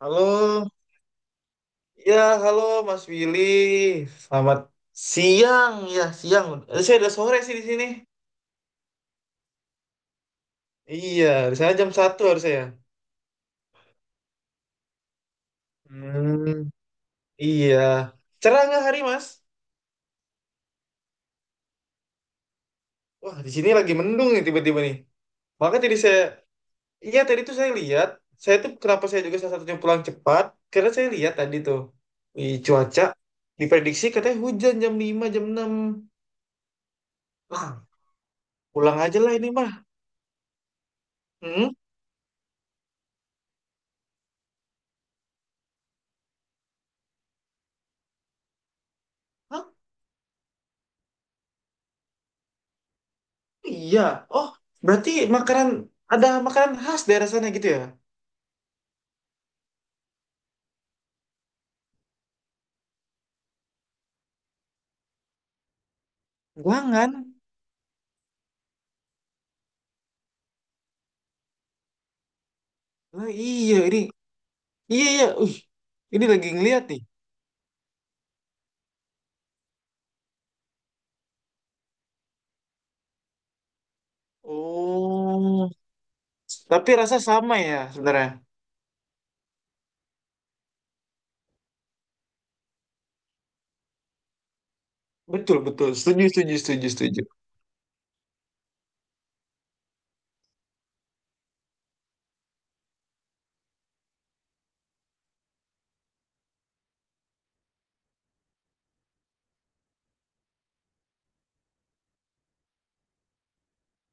Halo, ya halo Mas Willy. Selamat siang ya siang. Eh, saya udah sore sih di sini. Iya, di sana jam 1 harusnya ya. Hmm, iya. Cerah nggak hari Mas? Wah, di sini lagi mendung nih tiba-tiba nih. Maka tadi saya, iya tadi tuh saya lihat, saya tuh kenapa saya juga salah satunya pulang cepat, karena saya lihat tadi tuh, wih, cuaca diprediksi katanya hujan jam 5 jam 6. Wah, pulang aja lah ini mah. Hmm? Iya. Oh, berarti makanan makanan khas daerah sana gitu ya? Guangan. Oh, iya ini. Iya iya. Ini lagi ngeliat nih. Oh, tapi rasa sama ya sebenarnya. Betul betul. Setuju setuju setuju setuju.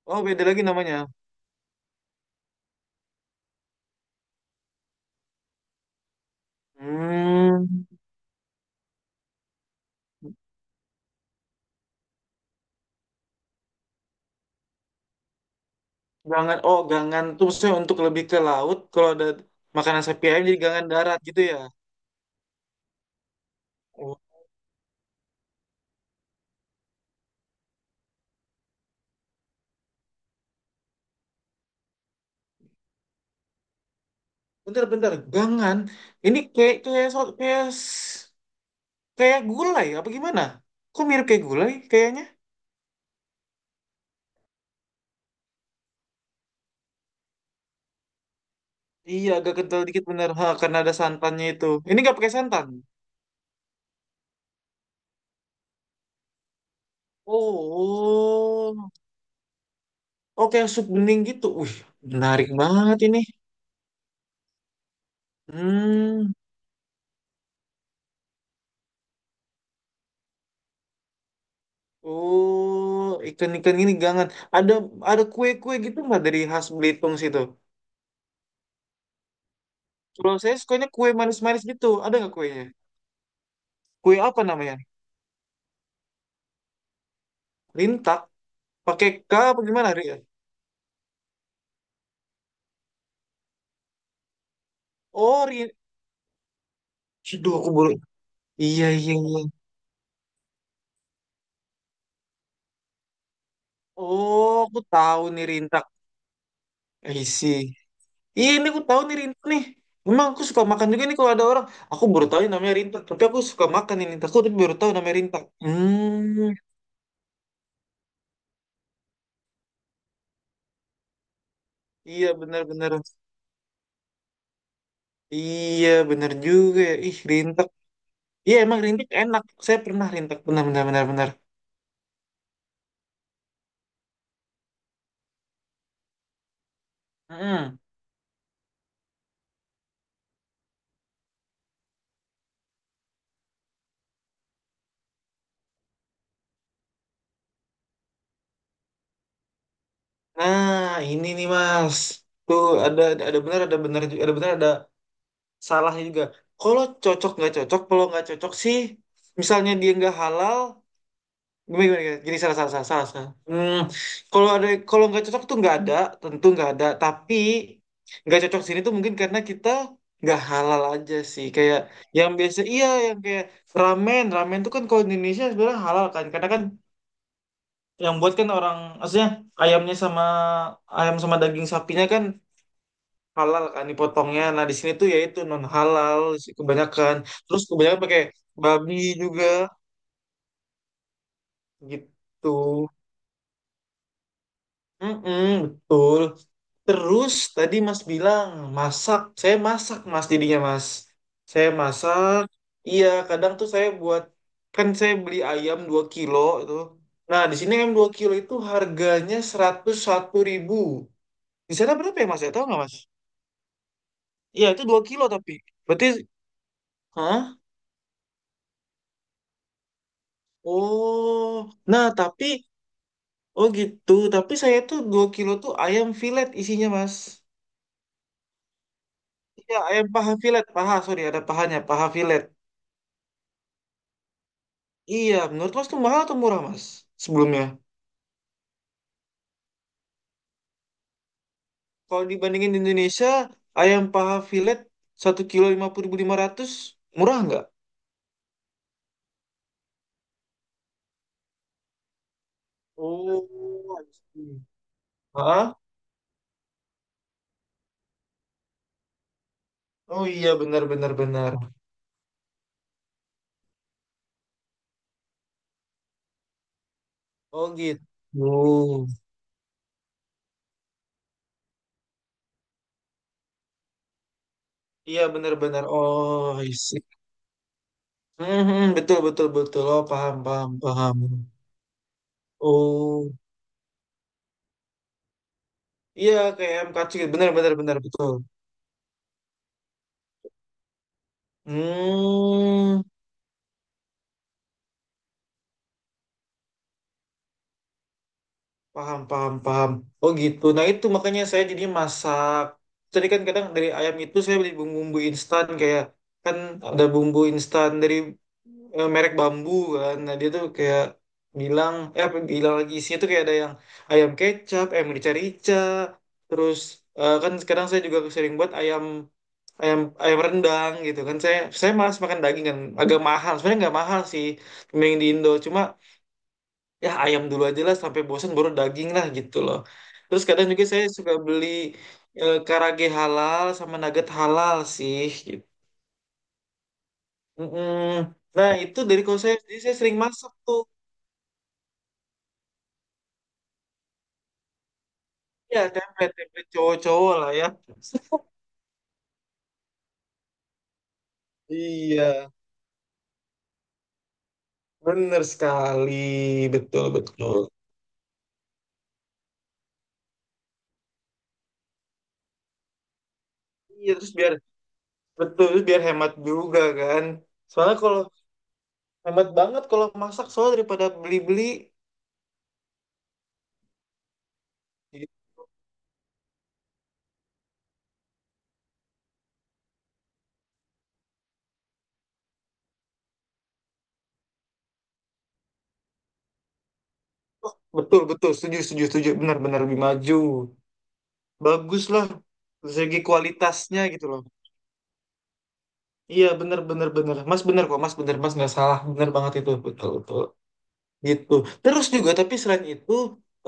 Oh, beda lagi namanya. Hmm. Gangan. Oh, gangan tuh maksudnya untuk lebih ke laut. Kalau ada makanan sapi ayam jadi gangan darat gitu ya. Oh, bentar bentar. Gangan. Ini kayak kayak so- kayak s- Kayak gulai, apa gimana? Kok mirip kayak gulai kayaknya? Iya, agak kental dikit bener. Ha, karena ada santannya itu. Ini nggak pakai santan. Oh, oke sup bening gitu. Wih, menarik banget ini. Hmm, oh ikan-ikan gini gangan. Ada ada kue-kue gitu nggak dari khas Belitung situ? Kalau saya sukanya kue manis-manis gitu. Ada nggak kuenya? Kue apa namanya? Rintak? Pakai K apa gimana? Oh. Aduh, aku baru. Iya, iya, iya. Oh, aku tahu nih Rintak. I see. Iya, ini aku tahu nih Rintak nih. Memang aku suka makan juga nih kalau ada orang. Aku baru tahu ini namanya Rintak, tapi aku suka makan ini Rintak. Aku tapi baru tahu namanya Rintak. Hmm, iya benar-benar. Iya, benar juga ya. Ih, Rintak. Iya, emang Rintak enak. Saya pernah Rintak, benar-benar benar-benar. Hmm. Nah, ini nih Mas. Tuh ada benar juga ada benar ada salahnya juga. Kalau cocok nggak cocok, kalau nggak cocok sih, misalnya dia nggak halal, gimana, gimana, gimana? Gini salah salah salah salah. Salah. Kalau ada kalau nggak cocok tuh nggak ada, tentu nggak ada. Tapi nggak cocok sini tuh mungkin karena kita nggak halal aja sih. Kayak yang biasa iya yang kayak ramen ramen tuh kan kalau di Indonesia sebenarnya halal kan. Karena kan yang buat kan orang maksudnya ayamnya sama ayam sama daging sapinya kan halal kan dipotongnya. Nah di sini tuh ya itu non halal kebanyakan. Terus kebanyakan pakai babi juga gitu. Mm-mm, betul. Terus tadi Mas bilang masak, saya masak Mas jadinya Mas. Saya masak. Iya, kadang tuh saya buat kan saya beli ayam 2 kilo itu. Nah, di sini ayam 2 kilo itu harganya 101 ribu. Di sana berapa ya Mas? Ya tahu nggak Mas? Iya, itu 2 kilo tapi. Berarti hah? Oh. Nah, tapi oh gitu. Tapi saya tuh 2 kilo tuh ayam filet isinya Mas. Iya, ayam paha filet, paha, sorry, ada pahanya, paha filet. Iya, menurut Mas tuh mahal atau murah, Mas? Sebelumnya. Kalau dibandingin di Indonesia, ayam paha filet satu kilo lima lima puluh ribu lima ratus, murah nggak? Oh, I see. Hah? Oh iya, benar-benar benar, benar, benar. Oh gitu. Iya, benar-benar. Oh, I see. Mhm, betul, betul, betul. Oh, paham, paham, paham. Oh, iya, kayak ayam kacang gitu. Benar, benar, benar, betul. Hmm. Paham, paham, paham. Oh gitu. Nah itu makanya saya jadi masak. Jadi kan kadang dari ayam itu saya beli bumbu-bumbu instan kayak kan ada bumbu instan dari merek bambu kan. Nah dia tuh kayak bilang, eh apa bilang lagi isinya tuh kayak ada yang ayam kecap, ayam rica-rica, terus kan sekarang saya juga sering buat ayam ayam ayam rendang gitu kan. Saya malas makan daging kan, agak mahal. Sebenarnya nggak mahal sih, mending di Indo. Cuma ya ayam dulu aja lah sampai bosan baru daging lah gitu loh. Terus kadang juga saya suka beli karage halal sama nugget halal sih. Gitu. Mm-mm. Nah itu dari kalau saya sendiri, saya sering masak tuh. Ya template template cowok-cowok lah ya. Iya, bener sekali, betul betul. Iya terus biar betul terus biar hemat juga kan. Soalnya kalau hemat banget kalau masak soalnya daripada beli-beli. Gitu. Betul betul setuju setuju setuju benar-benar lebih maju. Bagus lah dari segi kualitasnya gitu loh. Iya bener bener bener mas, bener kok mas, bener mas, nggak salah, bener banget itu, betul betul gitu. Terus juga tapi selain itu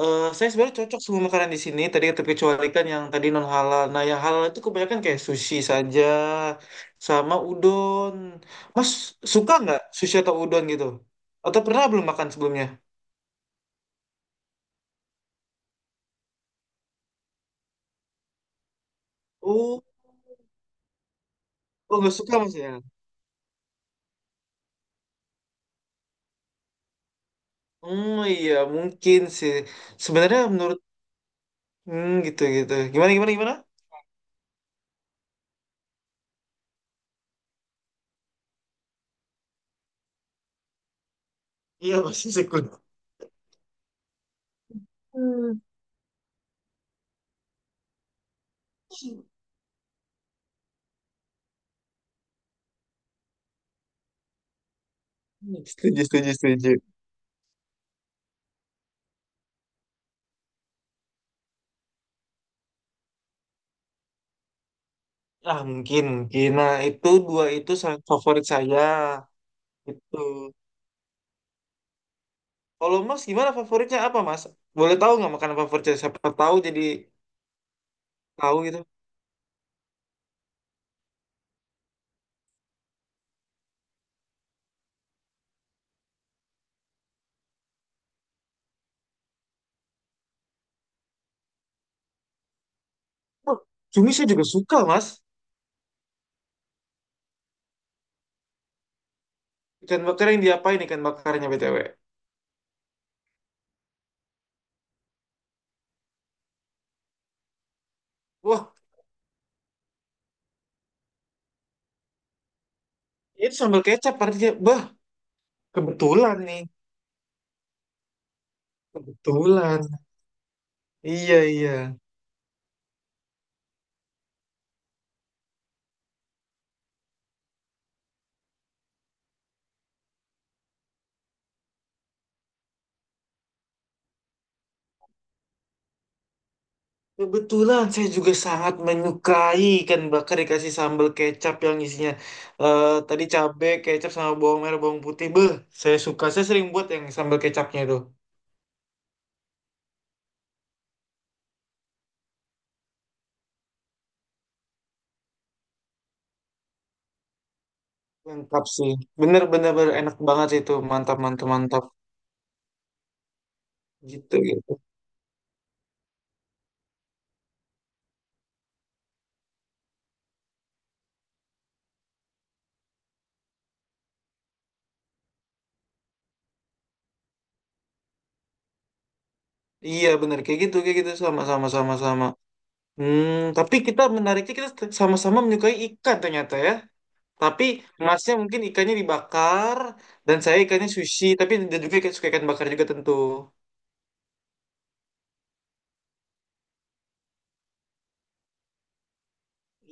saya sebenarnya cocok semua makanan di sini tadi, terkecualikan yang tadi non halal. Nah yang halal itu kebanyakan kayak sushi saja sama udon. Mas suka nggak sushi atau udon gitu, atau pernah belum makan sebelumnya? Oh, oh nggak suka mas ya. Hmm, iya mungkin sih. Sebenarnya menurut, hmm, gitu gitu. Gimana gimana gimana? Iya masih sekunder. Hmm. Setuju, setuju, setuju. Ah mungkin, mungkin. Nah itu dua itu salah favorit saya. Itu. Kalau Mas gimana favoritnya apa Mas? Boleh tahu nggak makanan favoritnya? Siapa tahu jadi tahu gitu. Wah, cumi saya juga suka Mas. Ikan bakar yang diapain ikan bakarnya BTW? Wah, itu sambal kecap artinya. Bah, kebetulan nih. Kebetulan. Iya, iya. Kebetulan saya juga sangat menyukai ikan bakar dikasih sambal kecap yang isinya tadi cabe, kecap sama bawang merah, bawang putih. Beuh, saya suka. Saya sering buat yang sambal kecapnya itu. Lengkap sih. Bener-bener enak banget sih itu. Mantap, mantap, mantap. Gitu, gitu. Iya, bener. Kayak gitu, kayak gitu. Sama, sama, sama, sama. Hmm, tapi kita menariknya kita sama-sama menyukai ikan ternyata ya. Tapi masnya mungkin ikannya dibakar dan saya ikannya sushi. Tapi dia juga suka ikan bakar juga tentu.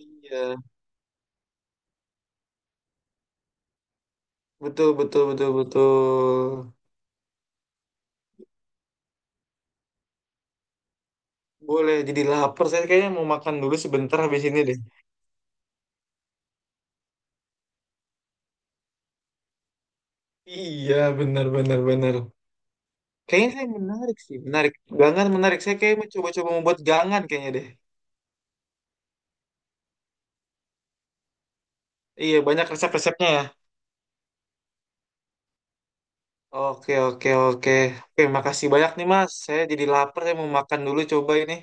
Iya, betul betul betul betul. Boleh jadi lapar. Saya kayaknya mau makan dulu sebentar habis ini deh. Iya, benar benar benar. Kayaknya saya menarik sih, menarik. Gangan menarik. Saya kayak mau coba-coba membuat gangan kayaknya deh. Iya, banyak resep-resepnya ya. Oke, oke, oke. Oke, makasih banyak nih, Mas. Saya jadi lapar, saya mau makan dulu coba ini.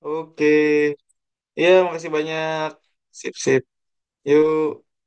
Oke. Iya, makasih banyak. Sip, sip. Yuk.